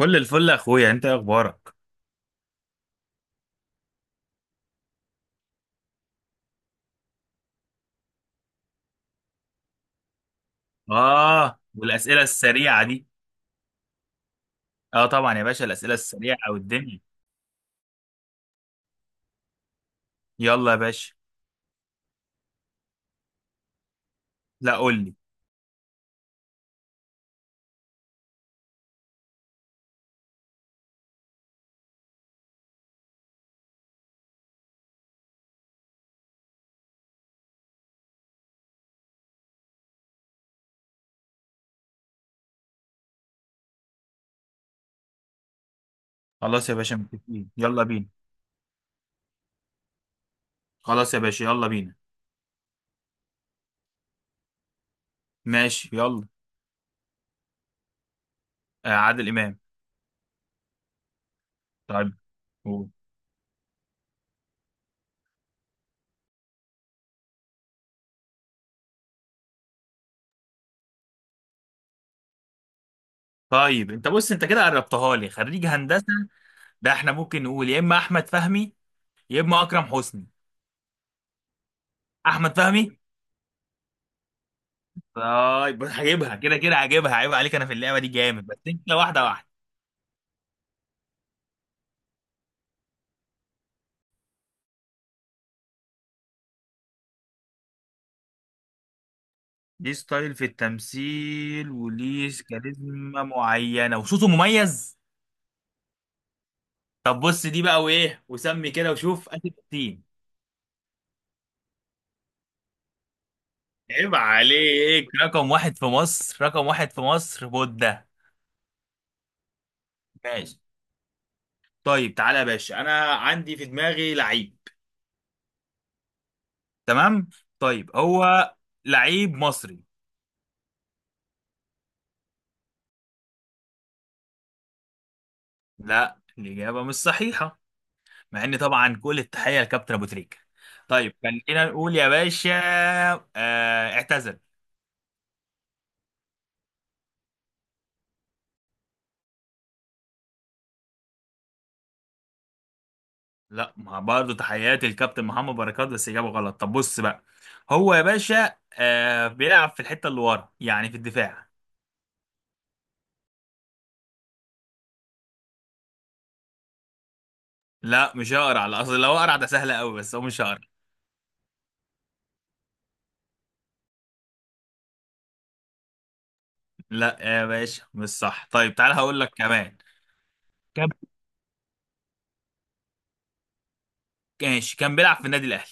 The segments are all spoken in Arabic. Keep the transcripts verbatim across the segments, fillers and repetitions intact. كل الفل يا اخويا، انت إيه اخبارك؟ اه، والاسئله السريعه دي. اه طبعا يا باشا، الاسئله السريعه والدنيا. يلا يا باشا. لا قول لي. خلاص يا باشا متفقين، يلا بينا. خلاص يا باشا يلا بينا. ماشي يلا. آه عادل امام. طيب قول. طيب انت بص، انت كده قربتها لي، خريج هندسه؟ ده احنا ممكن نقول يا اما احمد فهمي يا اما اكرم حسني. احمد فهمي. طيب هجيبها كده كده هجيبها، عيب عليك، انا في اللعبه دي جامد، بس انت واحده واحده. ليه ستايل في التمثيل وليه كاريزما معينة وصوته مميز. طب بص دي بقى، وإيه وسمي كده وشوف، آسر ياسين. عيب عليك، رقم واحد في مصر، رقم واحد في مصر بودة. ماشي. طيب تعالى يا باشا، أنا عندي في دماغي لعيب. تمام. طيب هو لعيب مصري. لا الإجابة مش صحيحة. مع إن طبعا كل التحية لكابتن أبو تريكة. طيب خلينا نقول يا باشا، آه اعتزل. لا، ما برضه تحياتي للكابتن محمد بركات، بس اجابه غلط. طب بص بقى، هو يا باشا آه بيلعب في الحته اللي ورا، يعني في الدفاع. لا مش هقرع، لا اصل لو اقرع ده سهل قوي، بس هو مش هقرع. لا يا باشا مش صح، طيب تعالى هقول لك كمان. كم؟ ماشي كان بيلعب في النادي الاهلي.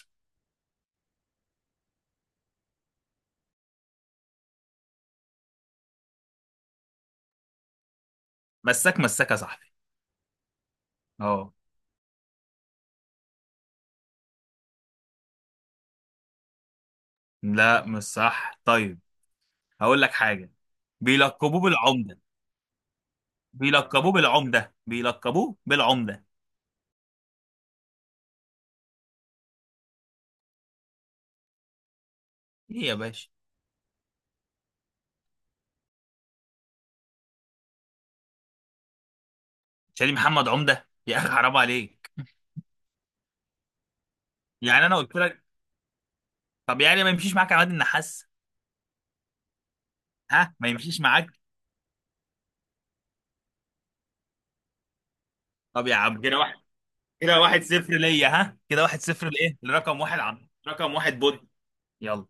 مساك مساك يا صاحبي. اه. لا مش صح، طيب هقول لك حاجه، بيلقبوه بالعمده، بيلقبوه بالعمده، بيلقبوه بالعمده. ايه يا باشا؟ شاليه محمد عمده يا اخي، حرام عليك. يعني انا قلت لك، طب يعني ما يمشيش معاك عماد النحاس؟ ها، ما يمشيش معاك. طب يا عم كده واحد، كده واحد صفر ليا، ها كده واحد صفر لايه، لرقم واحد عم، رقم واحد بود. يلا.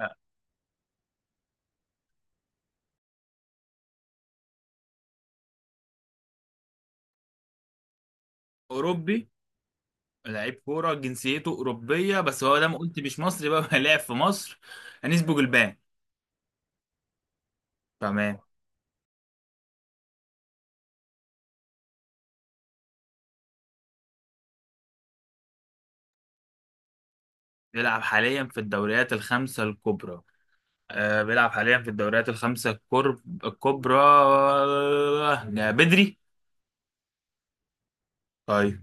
آه. اوروبي. لعيب كوره جنسيته اوروبيه، بس هو ده ما قلت مش مصري بقى لعب في مصر. نسبه جلبان. تمام. بيلعب حاليا في الدوريات الخمسه الكبرى. آه بيلعب حاليا في الدوريات الخمسه الكرب- الكبرى، آه، بدري. طيب.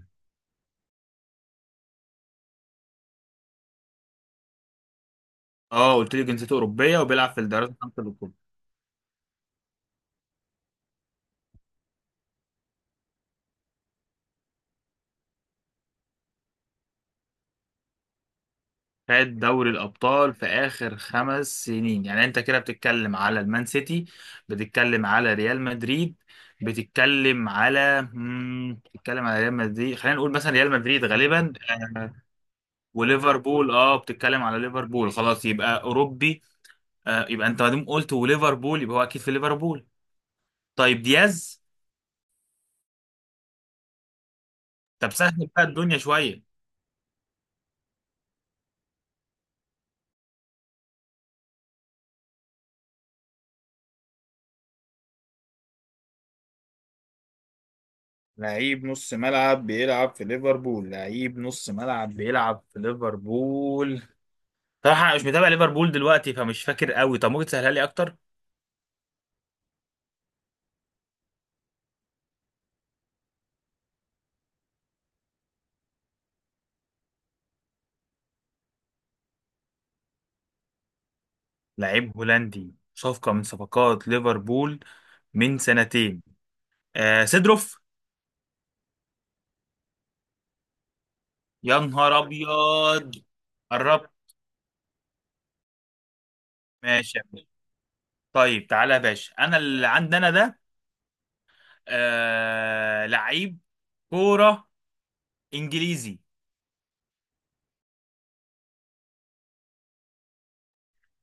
اه قلت لي جنسيته اوروبيه وبيلعب في الدوريات الخمسه الكبرى، خد دوري الأبطال في آخر خمس سنين. يعني أنت كده بتتكلم على المان سيتي، بتتكلم على ريال مدريد، بتتكلم على مم... بتتكلم على ريال مدريد. خلينا نقول مثلا ريال مدريد غالبا. آه، وليفربول. اه بتتكلم على ليفربول، خلاص يبقى أوروبي. آه يبقى أنت ما دام قلت وليفربول يبقى هو أكيد في ليفربول. طيب دياز. طب سهل بقى الدنيا شوية. لعيب نص ملعب بيلعب في ليفربول، لعيب نص ملعب بيلعب في ليفربول. صراحة أنا مش متابع ليفربول دلوقتي فمش فاكر قوي، طب ممكن تسهلها لي أكتر؟ لعيب هولندي، صفقة من صفقات ليفربول من سنتين. آه سيدروف. يا نهار أبيض. قربت. ماشي يا باشا. طيب تعالى يا باشا، أنا اللي عندنا ده آه لعيب كورة إنجليزي.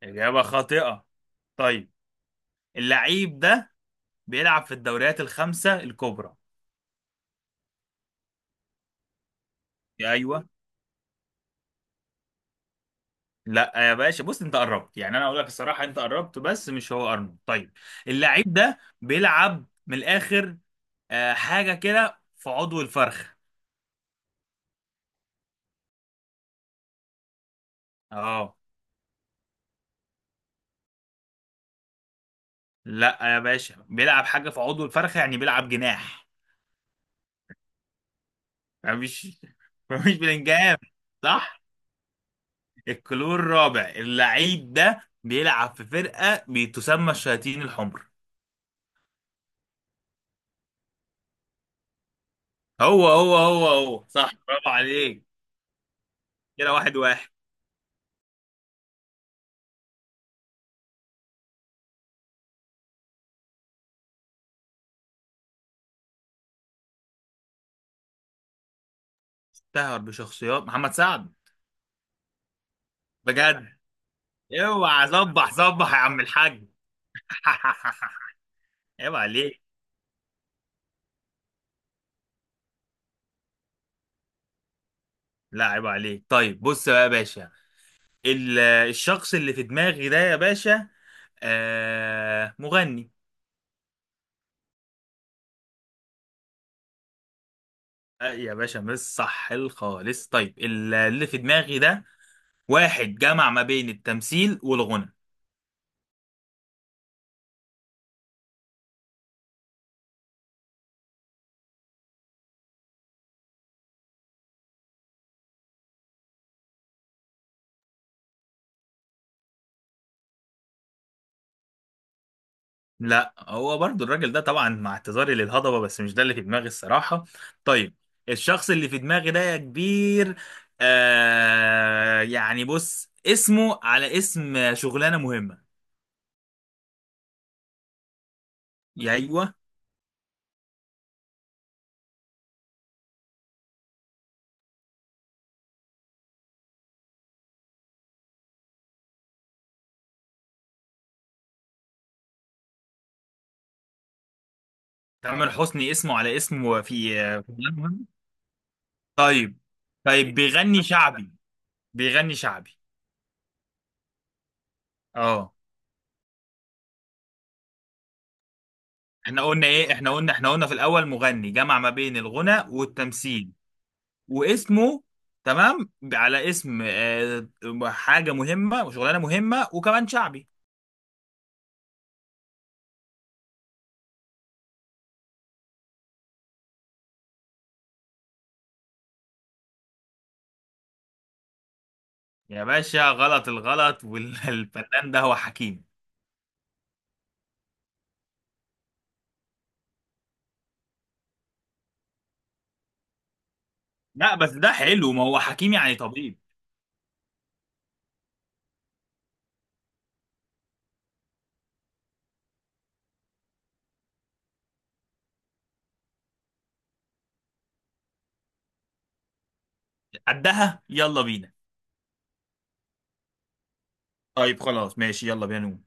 إجابة خاطئة. طيب، اللعيب ده بيلعب في الدوريات الخمسة الكبرى. أيوه. لا يا باشا بص، انت قربت، يعني انا اقول لك الصراحه انت قربت بس مش هو ارنولد. طيب، اللعيب ده بيلعب من الاخر، آه، حاجه كده في عضو الفرخ. اه. لا يا باشا بيلعب حاجه في عضو الفرخ يعني بيلعب جناح. مش مش بلنجهام. صح، الكلور الرابع، اللعيب ده بيلعب في فرقه بتسمى الشياطين الحمر. هو هو هو هو صح، برافو عليك. كده واحد واحد. تهر بشخصيات محمد سعد. بجد، اوعى صبح صبح يا عم الحاج. عيب عليك. لا عيب عليك. طيب بص بقى يا باشا، ال- الشخص اللي في دماغي ده يا باشا آه مغني. آه يا باشا مش صح الخالص. طيب ال- اللي في دماغي ده واحد جمع ما بين التمثيل والغنى. لا هو برضو الراجل ده طبعا، مع اعتذاري للهضبة، بس مش ده اللي في دماغي الصراحة. طيب. الشخص اللي في دماغي ده يا كبير، آه يعني بص اسمه على اسم شغلانة مهمة. يا ايوه. تامر حسني اسمه على اسمه في آه، في شغلانة مهمة. طيب. طيب بيغني شعبي. بيغني شعبي. اه. احنا قلنا ايه، احنا قلنا، احنا قلنا في الاول مغني جمع ما بين الغنى والتمثيل واسمه، تمام، على اسم آه، حاجة مهمة وشغلانة مهمة وكمان شعبي. يا باشا غلط الغلط، والفنان ده هو حكيم. لا بس ده حلو، ما هو حكيم يعني طبيب. قدها يلا بينا. طيب خلاص ماشي، يلا بينا نقوم.